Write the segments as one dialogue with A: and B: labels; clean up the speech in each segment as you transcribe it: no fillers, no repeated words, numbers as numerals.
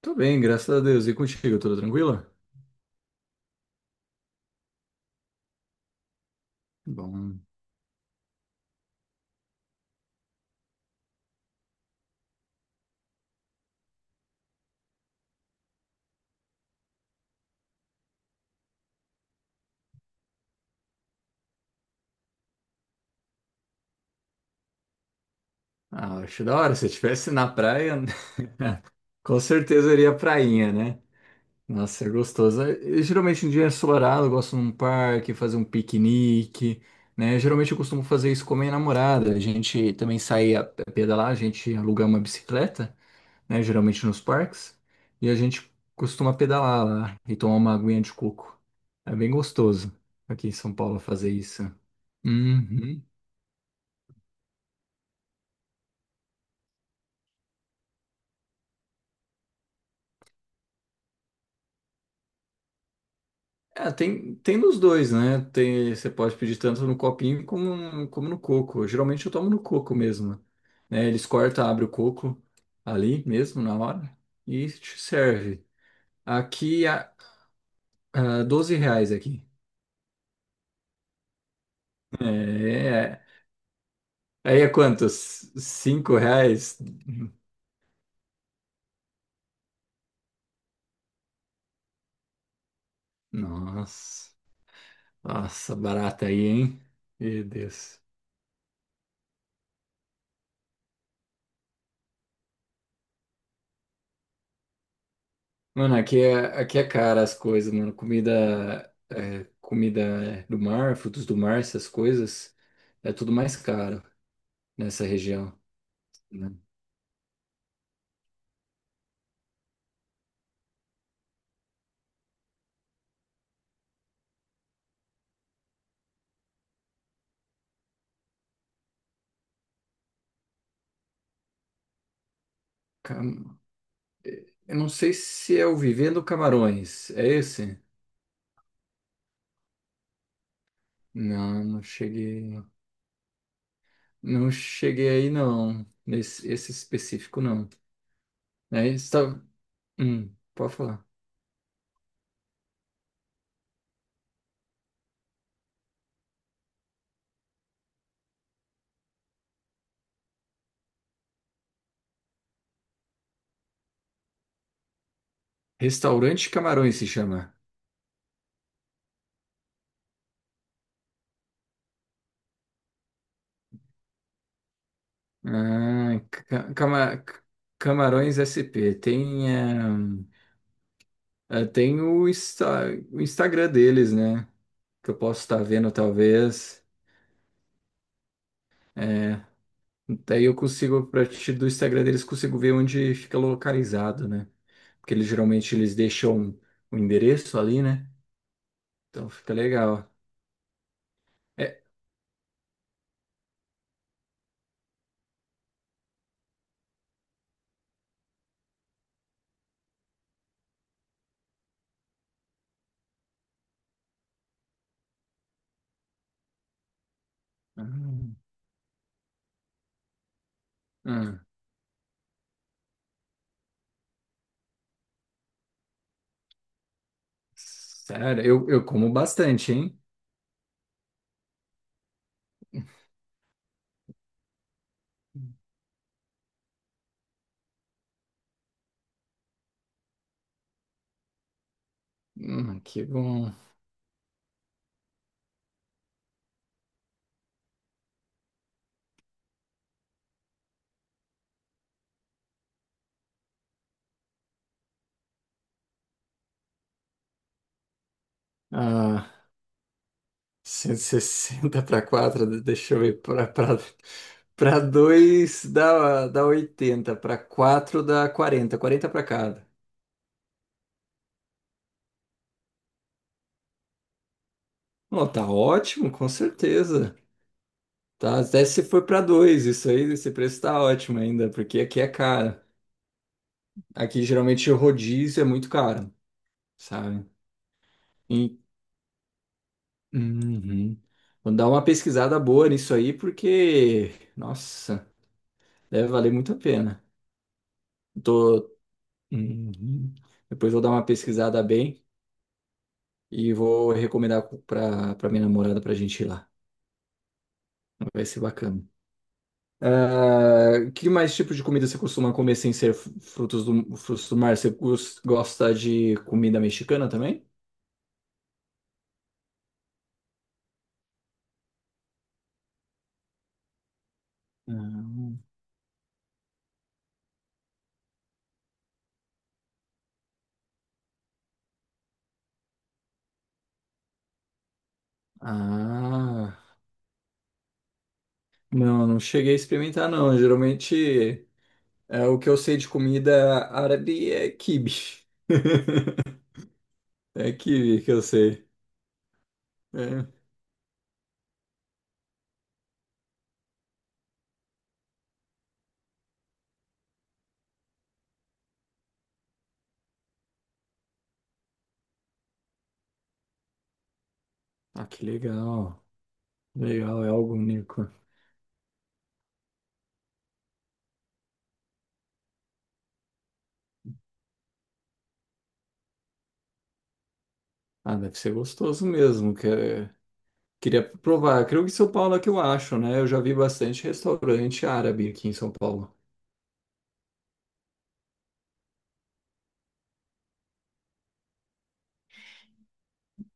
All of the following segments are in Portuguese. A: Tô bem, graças a Deus. E contigo, tudo tranquilo? Bom, acho da hora. Se eu estivesse na praia, com certeza eu iria prainha, né? Nossa, é gostoso. Geralmente em dia é ensolarado, eu gosto num parque, fazer um piquenique, né? Geralmente eu costumo fazer isso com a minha namorada. A gente também sai a pedalar, a gente aluga uma bicicleta, né? Geralmente nos parques. E a gente costuma pedalar lá e tomar uma aguinha de coco. É bem gostoso aqui em São Paulo fazer isso. Uhum. É, tem nos dois, né? Tem, você pode pedir tanto no copinho como no coco. Geralmente eu tomo no coco mesmo, né? Eles cortam, abrem o coco ali mesmo na hora e te serve. Aqui, a R$ 12 aqui. É, aí é quanto? R$ 5? Nossa, nossa, barata aí, hein? Meu Deus. Mano, aqui é cara as coisas, mano. Comida é, do mar, frutos do mar, essas coisas, é tudo mais caro nessa região, né? Cam- Eu não sei se é o Vivendo Camarões, é esse? Não, não cheguei aí não, nesse esse específico não. É, está, pode falar. Restaurante Camarões se chama. Ah, Camarões SP. Tem. É, tem o Instagram deles, né? Que eu posso estar vendo, talvez. É, daí eu consigo, a partir do Instagram deles, consigo ver onde fica localizado, né? Porque eles geralmente eles deixam o endereço ali, né? Então fica legal. É. Hum, hum. Sério, eu como bastante, hein? Que bom. Ah, 160 para 4 deixa eu ver, para 2 dá 80 para 4 dá quarenta para cada. Não, tá ótimo, com certeza. Tá, até se for para 2 isso aí, esse preço tá ótimo ainda, porque aqui é caro. Aqui geralmente o rodízio é muito caro, sabe? E- Uhum. Vou dar uma pesquisada boa nisso aí, porque, nossa, deve valer muito a pena. Tô. Uhum. Depois vou dar uma pesquisada bem. E vou recomendar pra minha namorada pra gente ir lá. Vai ser bacana. Ah, que mais tipo de comida você costuma comer sem ser frutos do mar? Você gosta de comida mexicana também? Não. Ah, não, não cheguei a experimentar, não. Geralmente, o que eu sei de comida árabe é quibe. É quibe que eu sei. É. Ah, que legal. Legal, é algo único. Ah, deve ser gostoso mesmo, queria provar. Creio que em São Paulo é que eu acho, né? Eu já vi bastante restaurante árabe aqui em São Paulo.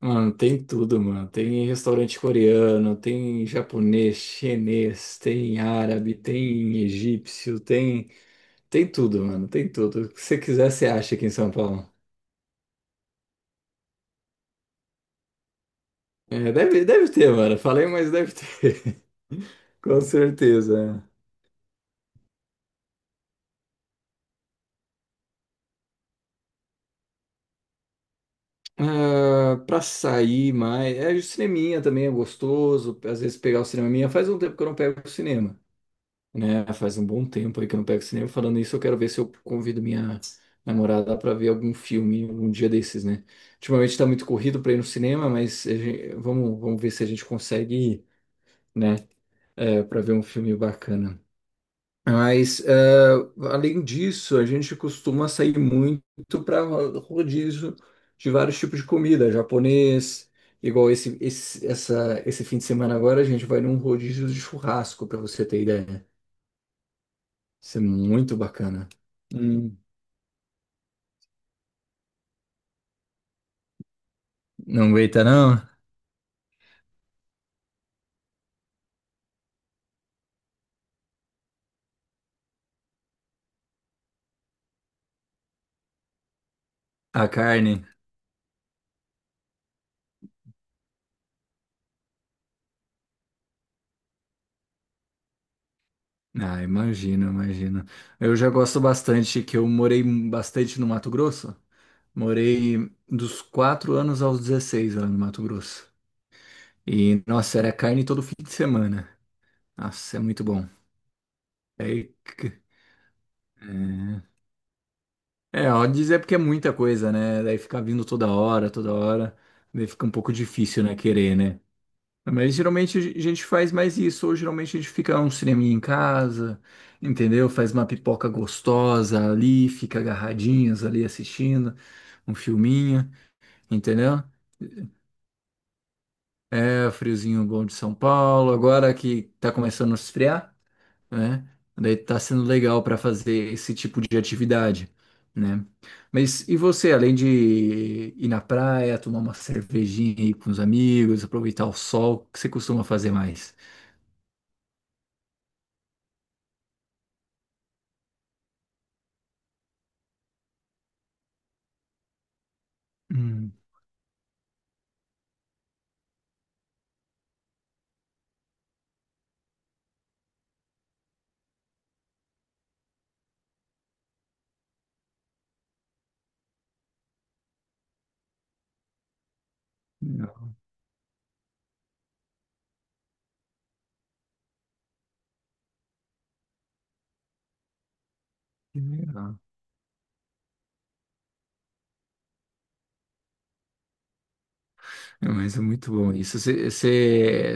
A: Mano, tem tudo, mano. Tem restaurante coreano, tem japonês, chinês, tem árabe, tem egípcio, tem tudo, mano. Tem tudo. O que você quiser, você acha aqui em São Paulo. É, deve ter, mano. Falei, mas deve ter. Com certeza. Ah, pra sair mais. É, o cineminha também é gostoso. Às vezes pegar o cineminha. Faz um tempo que eu não pego o cinema, né? Faz um bom tempo aí que eu não pego cinema. Falando isso, eu quero ver se eu convido minha namorada para ver algum filme um dia desses, né? Ultimamente tá muito corrido para ir no cinema, mas vamos ver se a gente consegue ir, né? É, para ver um filme bacana. Mas, além disso, a gente costuma sair muito para rodízio de vários tipos de comida, japonês, igual esse fim de semana agora, a gente vai num rodízio de churrasco, para você ter ideia. Isso é muito bacana. Hum, não aguenta, não? A carne? Ah, imagino, imagino. Eu já gosto bastante que eu morei bastante no Mato Grosso. Morei dos 4 anos aos 16 lá no Mato Grosso. E, nossa, era carne todo fim de semana. Nossa, é muito bom. É, ó, dizer porque é muita coisa, né? Daí ficar vindo toda hora, toda hora. Daí fica um pouco difícil, né? Querer, né? Mas geralmente a gente faz mais isso, ou geralmente a gente fica um cineminha em casa, entendeu? Faz uma pipoca gostosa ali, fica agarradinhas ali assistindo um filminho, entendeu? É, friozinho bom de São Paulo, agora que tá começando a esfriar, né? Daí tá sendo legal para fazer esse tipo de atividade, né? Mas e você, além de ir na praia, tomar uma cervejinha aí com os amigos, aproveitar o sol, o que você costuma fazer mais? Legal, que legal. É, mas é muito bom isso. Você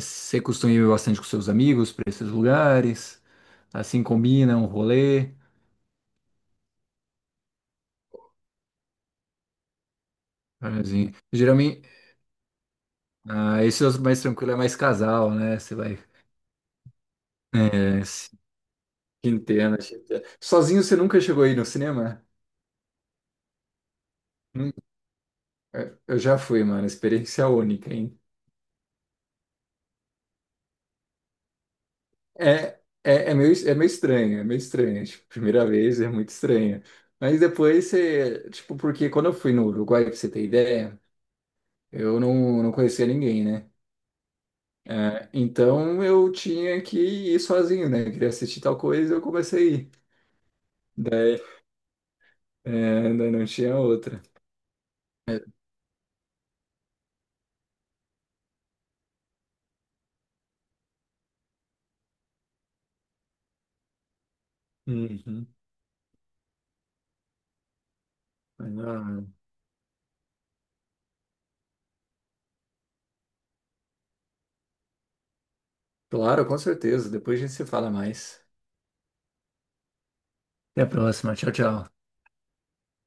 A: você costuma ir bastante com seus amigos para esses lugares? Assim combina um rolê? Assim, geralmente, esse é o mais tranquilo, é mais casal, né? Você vai. É, sim, te entendo, te entendo. Sozinho você nunca chegou aí no cinema? Nunca. Eu já fui, mano. Experiência única, hein? É, é meio estranho, é meio estranho. Tipo, primeira vez é muito estranho. Mas depois você. Tipo, porque quando eu fui no Uruguai, pra você ter ideia. Eu não, não conhecia ninguém, né? É, então eu tinha que ir sozinho, né? Queria assistir tal coisa eu comecei a ir. Daí, daí não tinha outra. Uhum. Mas, claro, com certeza. Depois a gente se fala mais. Até a próxima. Tchau, tchau.